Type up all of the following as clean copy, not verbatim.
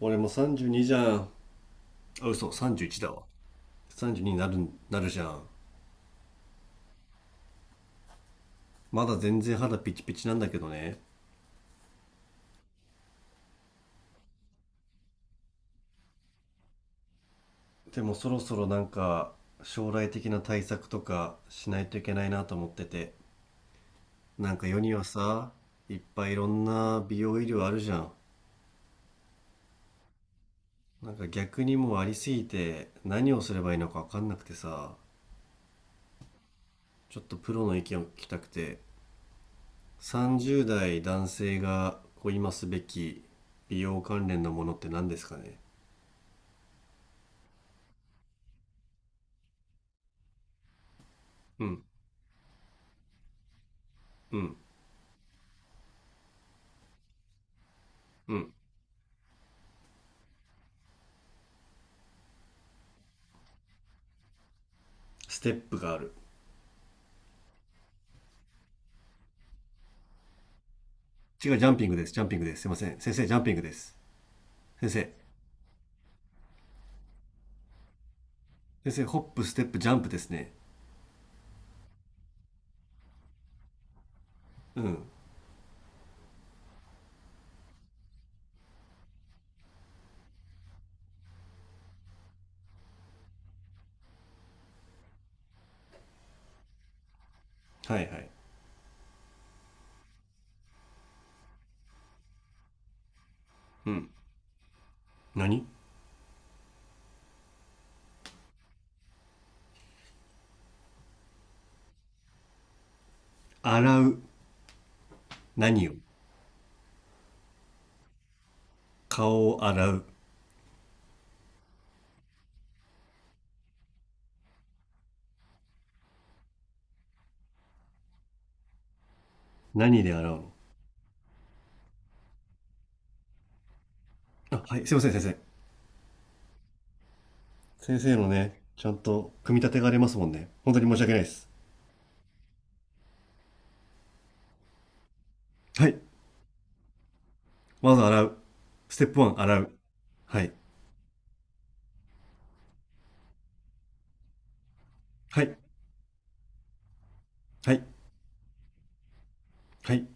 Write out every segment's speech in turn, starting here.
俺も32じゅうにじゃん。あ、嘘、31だわ。32になるじゃん。まだ全然肌ピチピチなんだけどね。でもそろそろ、なんか将来的な対策とかしないといけないなと思ってて、なんか世にはさ、いっぱいいろんな美容医療あるじゃん。なんか逆に、もうありすぎて何をすればいいのか分かんなくてさ、ちょっとプロの意見を聞きたくて、30代男性がこう今すべき美容関連のものって何ですかね？うん、うん、うん。ステップがある。違う、ジャンピングです。ジャンピングです。すいません。先生、ジャンピングです。先生、先生、ホップ、ステップ、ジャンプですね。うん。はい、はい。うん。何？洗う。何を？顔を洗う。何で洗うの？あ、はい。すいません、先生。先生のね、ちゃんと組み立てがありますもんね。本当に申し訳ないです。はい。まず洗う。ステップ1、洗う。はい。はい。はい。はい。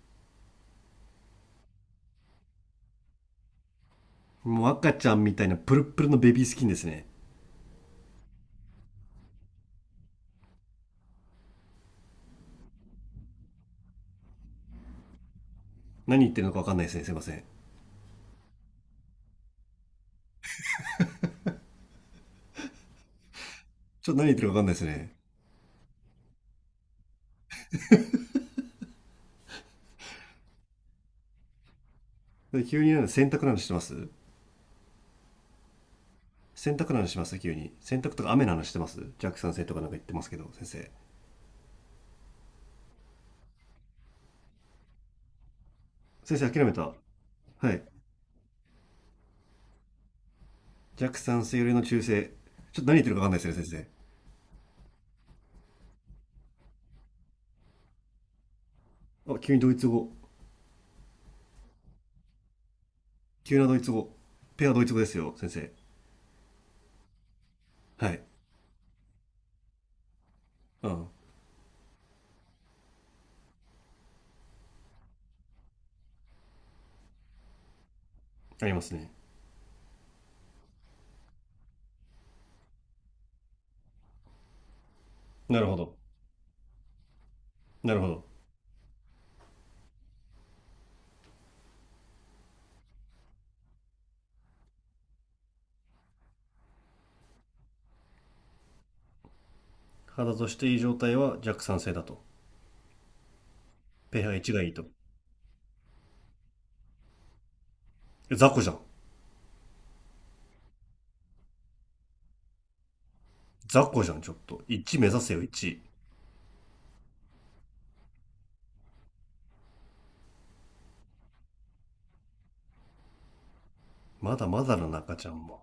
もう赤ちゃんみたいなプルップルのベビースキンですね。何言ってるのかわかんないですね。すいません。ちょっと何言ってるかわかんないですね。急になんか洗濯なのしてます？洗濯なのします急に。洗濯とか雨なの話してます？弱酸性とかなんか言ってますけど、先生。先生諦めた。はい。弱酸性よりの中性。ちょっと何言ってるかわかんないですね、先生。あ、急にドイツ語。急なドイツ語。ペアドイツ語ですよ、先生。はい。うん。ありますね。なるほど。なるほど。肌としていい状態は弱酸性だと。ペア1がいいと。え、雑魚じゃん。雑魚じゃん、ちょっと。1目指せよ、1。まだまだの中ちゃんも。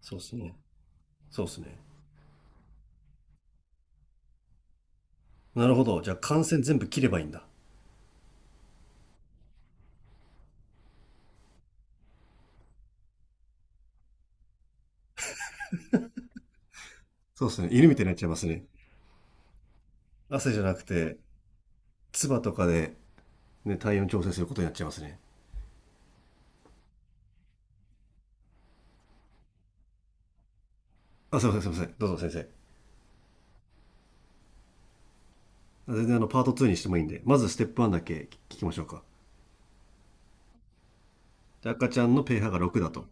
そうっすね。そうっすね。なるほど。じゃあ感染全部切ればいいんだ。そうですね。犬みたいになっちゃいますね。汗じゃなくて、唾とかで、ね、体温調整することになっちゃいますね。あ、すいません、すいません。どうぞ先生。全然パート2にしてもいいんで、まずステップ1だけ聞きましょうか。で、赤ちゃんの pH が6だと。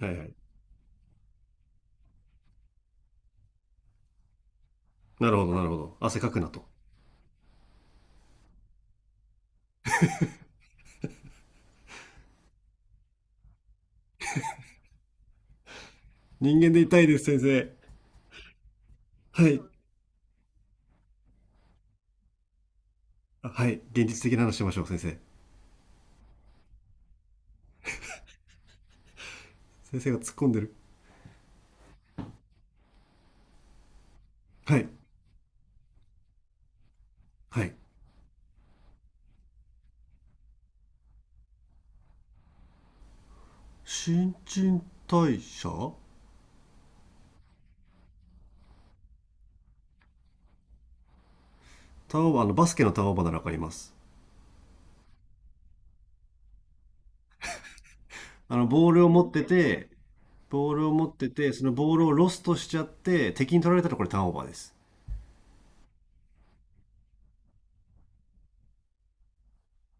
はい、はい。なるほど、なるほど。汗かくなと。人間で痛いです、先生。はい。あ、はい。現実的な話しましょう、先生。先生が突っ込んでる。はい。はい。新陳代謝？ターンオーバー？バスケのターンオーバーならわかります。あの、ボールを持ってて、ボールを持ってて、そのボールをロストしちゃって、敵に取られたらこれターンオーバーです。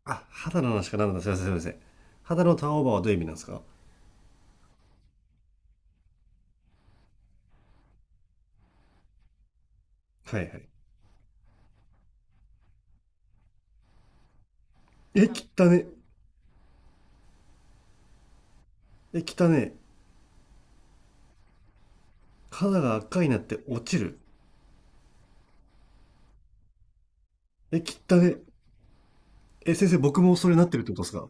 あ、肌の話かなんだ。すいません、すいません。肌のターンオーバーはどういう意味なんですか？はい、はい。え、汚ね。え、汚ね。肌が赤になって落ちる。え、汚ね。え、先生、僕もそれなってるってことですか？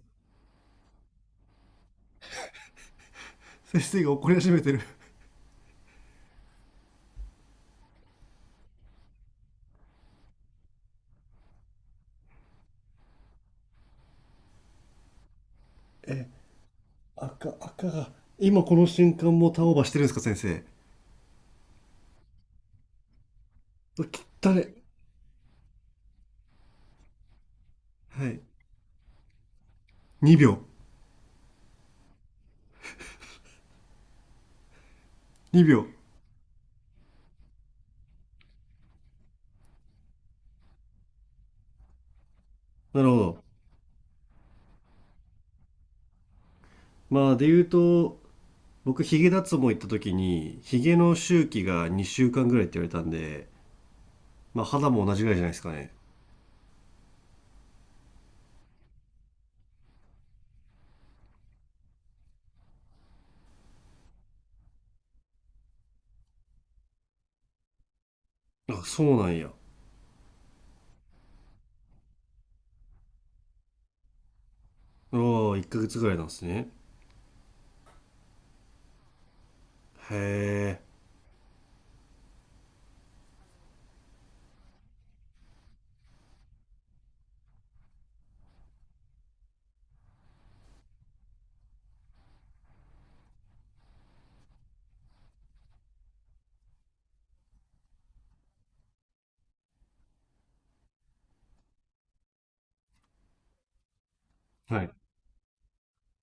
先生が怒り始めてる。え、赤、赤が。今この瞬間もターンオーバーしてるんですか、先生。汚ね。はい。2秒。2秒。なるほど。まあ、で言うと、僕、ヒゲ脱毛行った時に、ヒゲの周期が2週間ぐらいって言われたんで、まあ肌も同じぐらいじゃないですかね。あ、そうなんや。ああ、1ヶ月ぐらいなんですね。へえ。はい。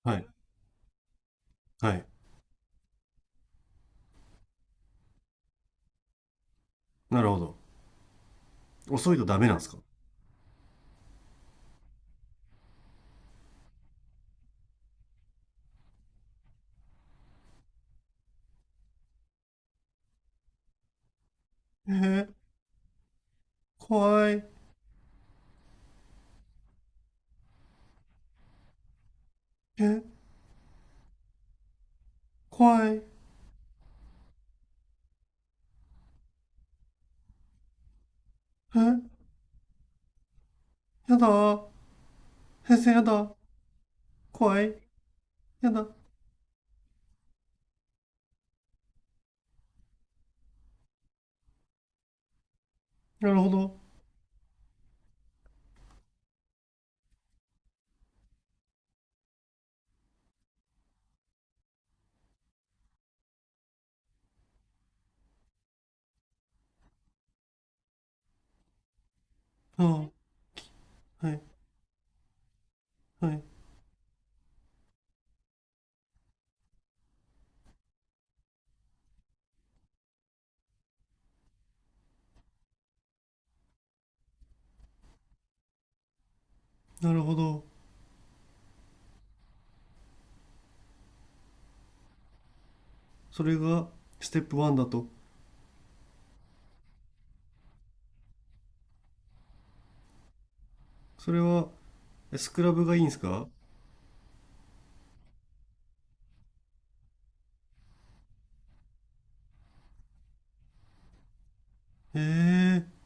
はい。はい。なるほど。遅いとダメなんですか？えー、怖い。え、怖い。え、やだ。先生やだ。怖い。やだ。なるほど。ああ、はい。はい。なるほど。それが、ステップ1だと。それは、スクラブがいいんですか？ええ、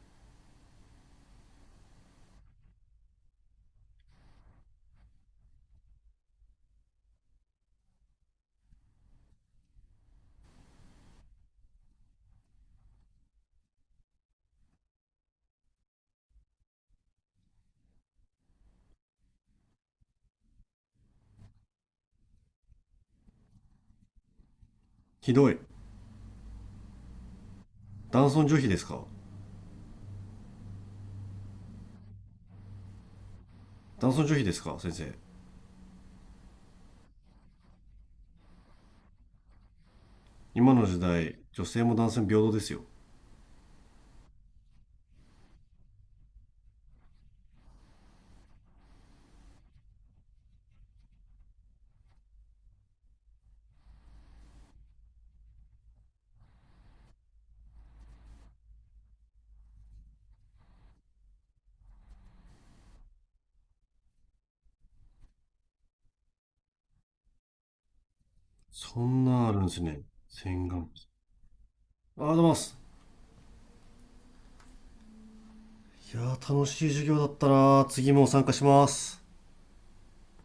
ひどい。男尊女卑ですか？男尊女卑ですか、先生。今の時代、女性も男性も平等ですよ。そんなあるんですね。洗顔器。ありがとうございます。いやー、楽しい授業だったなー。次も参加します。